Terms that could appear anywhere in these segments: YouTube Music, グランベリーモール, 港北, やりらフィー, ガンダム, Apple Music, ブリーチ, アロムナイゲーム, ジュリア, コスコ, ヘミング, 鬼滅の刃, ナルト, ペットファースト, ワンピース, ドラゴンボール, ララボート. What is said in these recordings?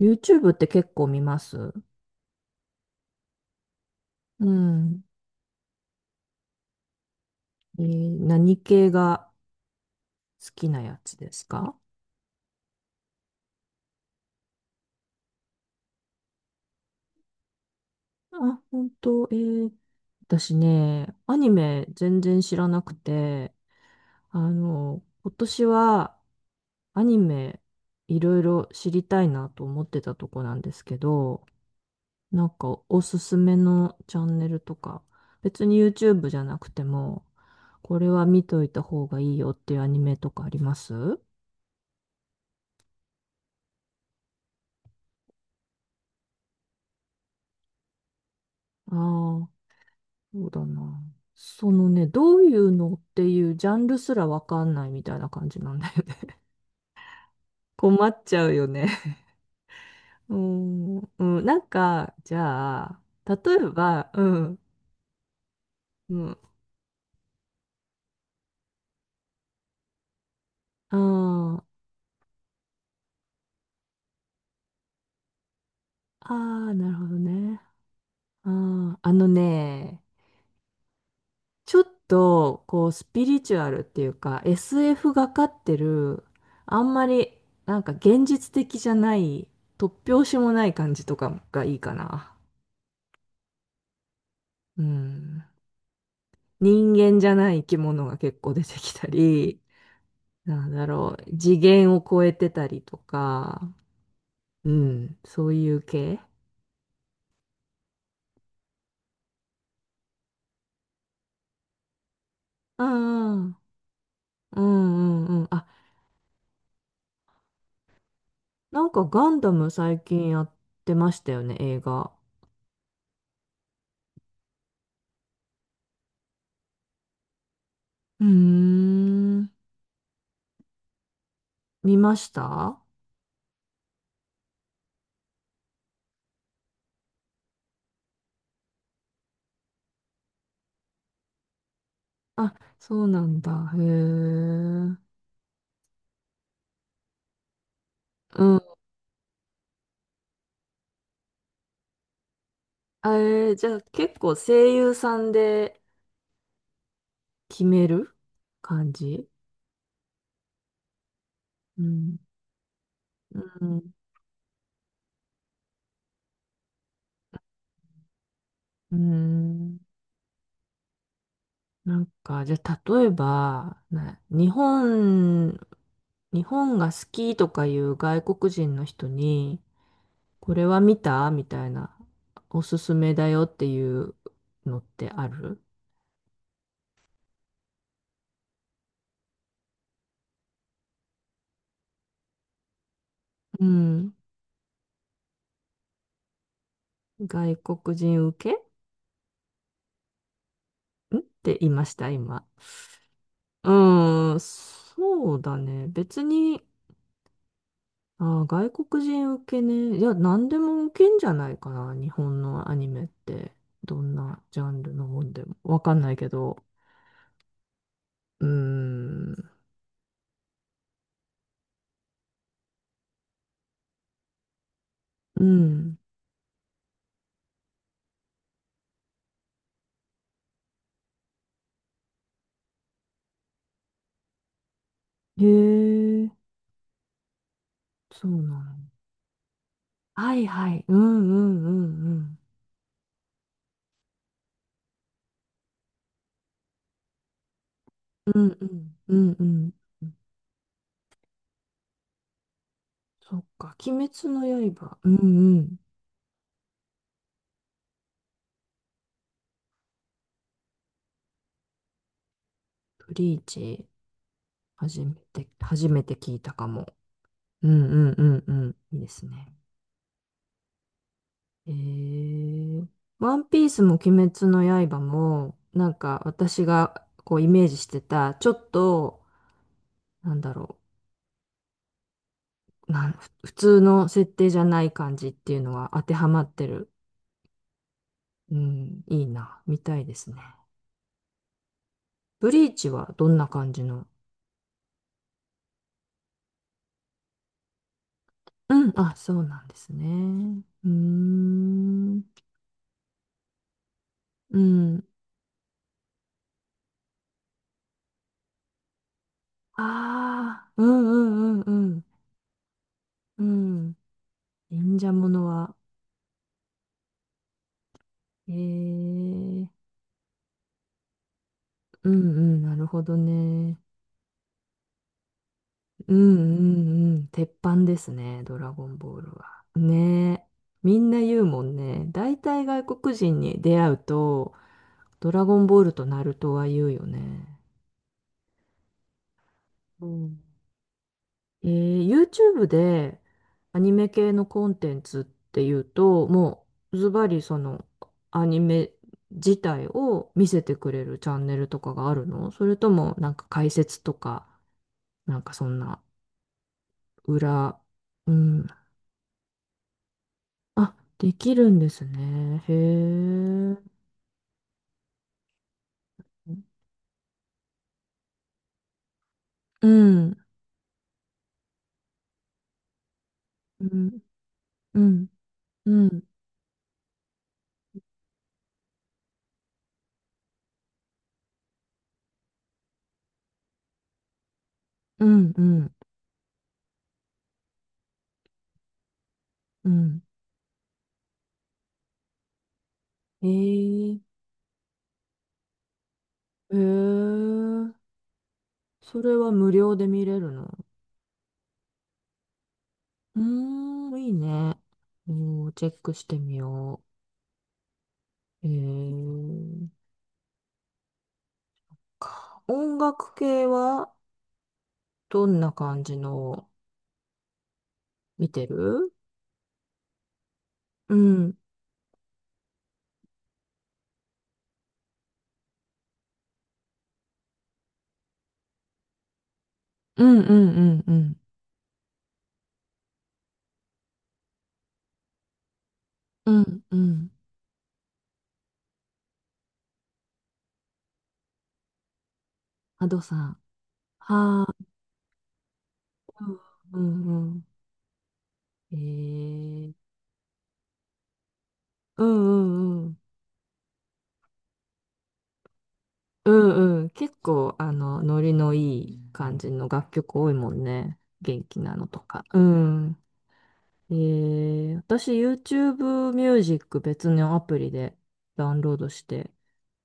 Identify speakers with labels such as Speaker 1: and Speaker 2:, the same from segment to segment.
Speaker 1: YouTube って結構見ます？うん。何系が好きなやつですか？あ、本当？私ね、アニメ全然知らなくて、今年はアニメいろいろ知りたいなと思ってたとこなんですけど、なんかおすすめのチャンネルとか、別に YouTube じゃなくても、これは見といた方がいいよっていうアニメとかあります？ああー。そうだな。そのね、どういうのっていうジャンルすらわかんないみたいな感じなんだよね。困っちゃうよね。うん、うん、なんか、じゃあ、例えば、うん、うん、ああ、ああ、なるほどね。ああ、あのね、ちょっと、こう、スピリチュアルっていうか、SF がかってる、あんまり、なんか現実的じゃない、突拍子もない感じとかがいいかな。うん。人間じゃない生き物が結構出てきたり、なんだろう、次元を超えてたりとか、うん、そういう系。うんうんうんうんうん。あ、なんかガンダム最近やってましたよね、映画。うーん、見ました？あ、そうなんだ。へえ。うん。あ、じゃあ結構声優さんで決める感じ？うん。うん。うん。なんか、じゃあ、例えば、な日本、日本が好きとかいう外国人の人に、これは見たみたいな、おすすめだよっていうのってある？うん。外国人受けんって言いました、今？うーん、そうだね。別に、外国人受けね。いや、何でも受けんじゃないかな、日本のアニメって。どんなジャンルのもんでも。わかんないけど。うーん。うん。へえ、そうなの？はいはい。うんうんうんうん。うんうん。うんうん。そっか。鬼滅の刃。うんうん。ブリーチ、初めて聞いたかも。うんうんうんうん。いいですね。えー、ワンピースも鬼滅の刃も、なんか私がこうイメージしてた、ちょっと、なんだろう。なん、ふ普通の設定じゃない感じっていうのは当てはまってる。うん、いいな。見たいですね。ブリーチはどんな感じの？うん、あ、そうなんですね。うーん、うん。ああ、うんうんうんうん。うん。忍者ものは、ええうんうん、なるほどね。うんうんうん。鉄板ですね、ドラゴンボールは。ねえ。みんな言うもんね。大体外国人に出会うと、ドラゴンボールとナルトは言うよね。うん。YouTube でアニメ系のコンテンツっていうと、もうズバリそのアニメ自体を見せてくれるチャンネルとかがあるの？それともなんか解説とか、なんかそんな裏、うん。あ、できるんですね。へえ。うん。うん。うん。うん。うん。うん。うん。へえ。へえ。それは無料で見れるの？うーん、いいね。おー、チェックしてみよう。か音楽系はどんな感じのを見てる？うん、うんうんうんうん。うんうん。アドさん。はあ、うんうん。えー、うんうんうん。うんうん。結構、ノリのいい感じの楽曲多いもんね。元気なのとか。うん。私 YouTube Music 別のアプリでダウンロードして、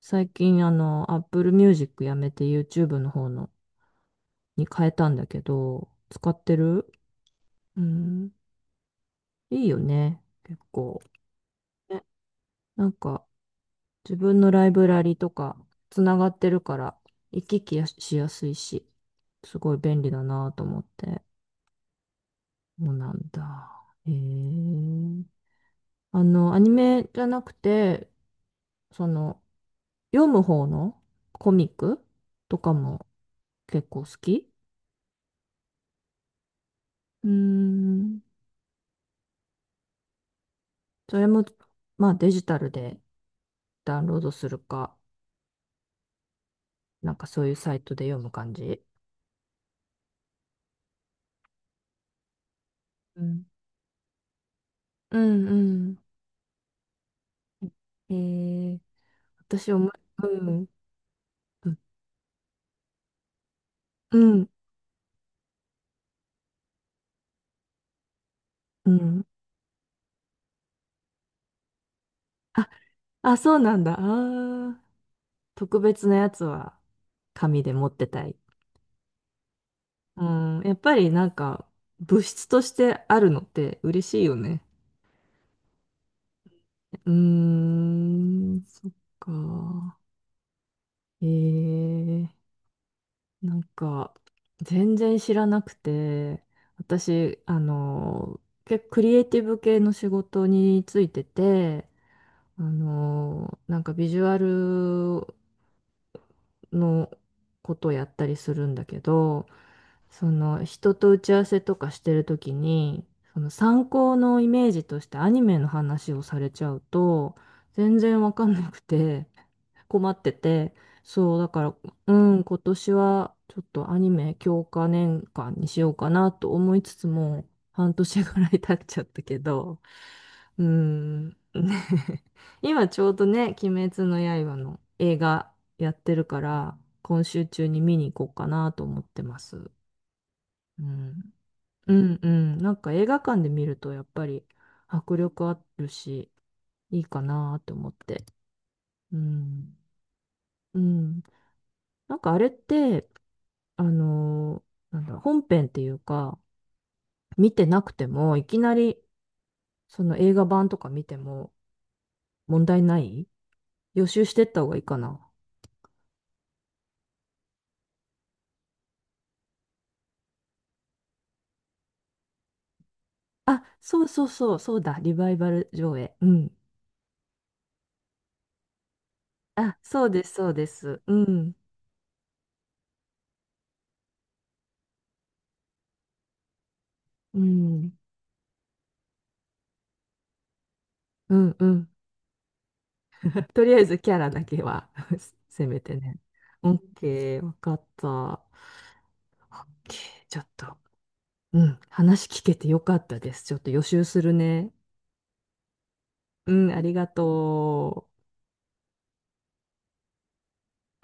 Speaker 1: 最近Apple Music やめて YouTube の方のに変えたんだけど、使ってる？うん、いいよね、結構。ね、なんか自分のライブラリとかつながってるから行き来やしやすいし、すごい便利だなと思って。そうなんだ。へえ。アニメじゃなくて、その、読む方のコミックとかも結構好き？うーん。それも、まあデジタルでダウンロードするか、なんかそういうサイトで読む感じ。うん。うんうん。ー、私思い、うん。うんうん。あ、あ、そうなんだ。特別なやつは紙で持ってたい。うん、やっぱりなんか物質としてあるのって嬉しいよね。うーん、そっか。えー、なんか、全然知らなくて、私、結構クリエイティブ系の仕事についてて、なんかビジュアルのことをやったりするんだけど、その人と打ち合わせとかしてるときに、その参考のイメージとしてアニメの話をされちゃうと、全然わかんなくて、困ってて、そう、だから、うん、今年はちょっとアニメ強化年間にしようかなと思いつつも、半年ぐらい経っちゃったけど、うん、ね 今ちょうどね、鬼滅の刃の映画やってるから、今週中に見に行こうかなと思ってます。うん、うん、うん、なんか映画館で見るとやっぱり迫力あるし、いいかなと思って。うん、うん。なんかあれって、あのなんだ、本編っていうか、見てなくても、いきなり、その映画版とか見ても問題ない？予習してった方がいいかな。あ、そうそうそう、そうだ、リバイバル上映。うん。あ、そうです、そうです。うん。うん。うん、うん。とりあえずキャラだけは せめてね。オッケー、わかった。オッケー、ちょっと、うん、話聞けてよかったです。ちょっと予習するね。うん、ありがとう。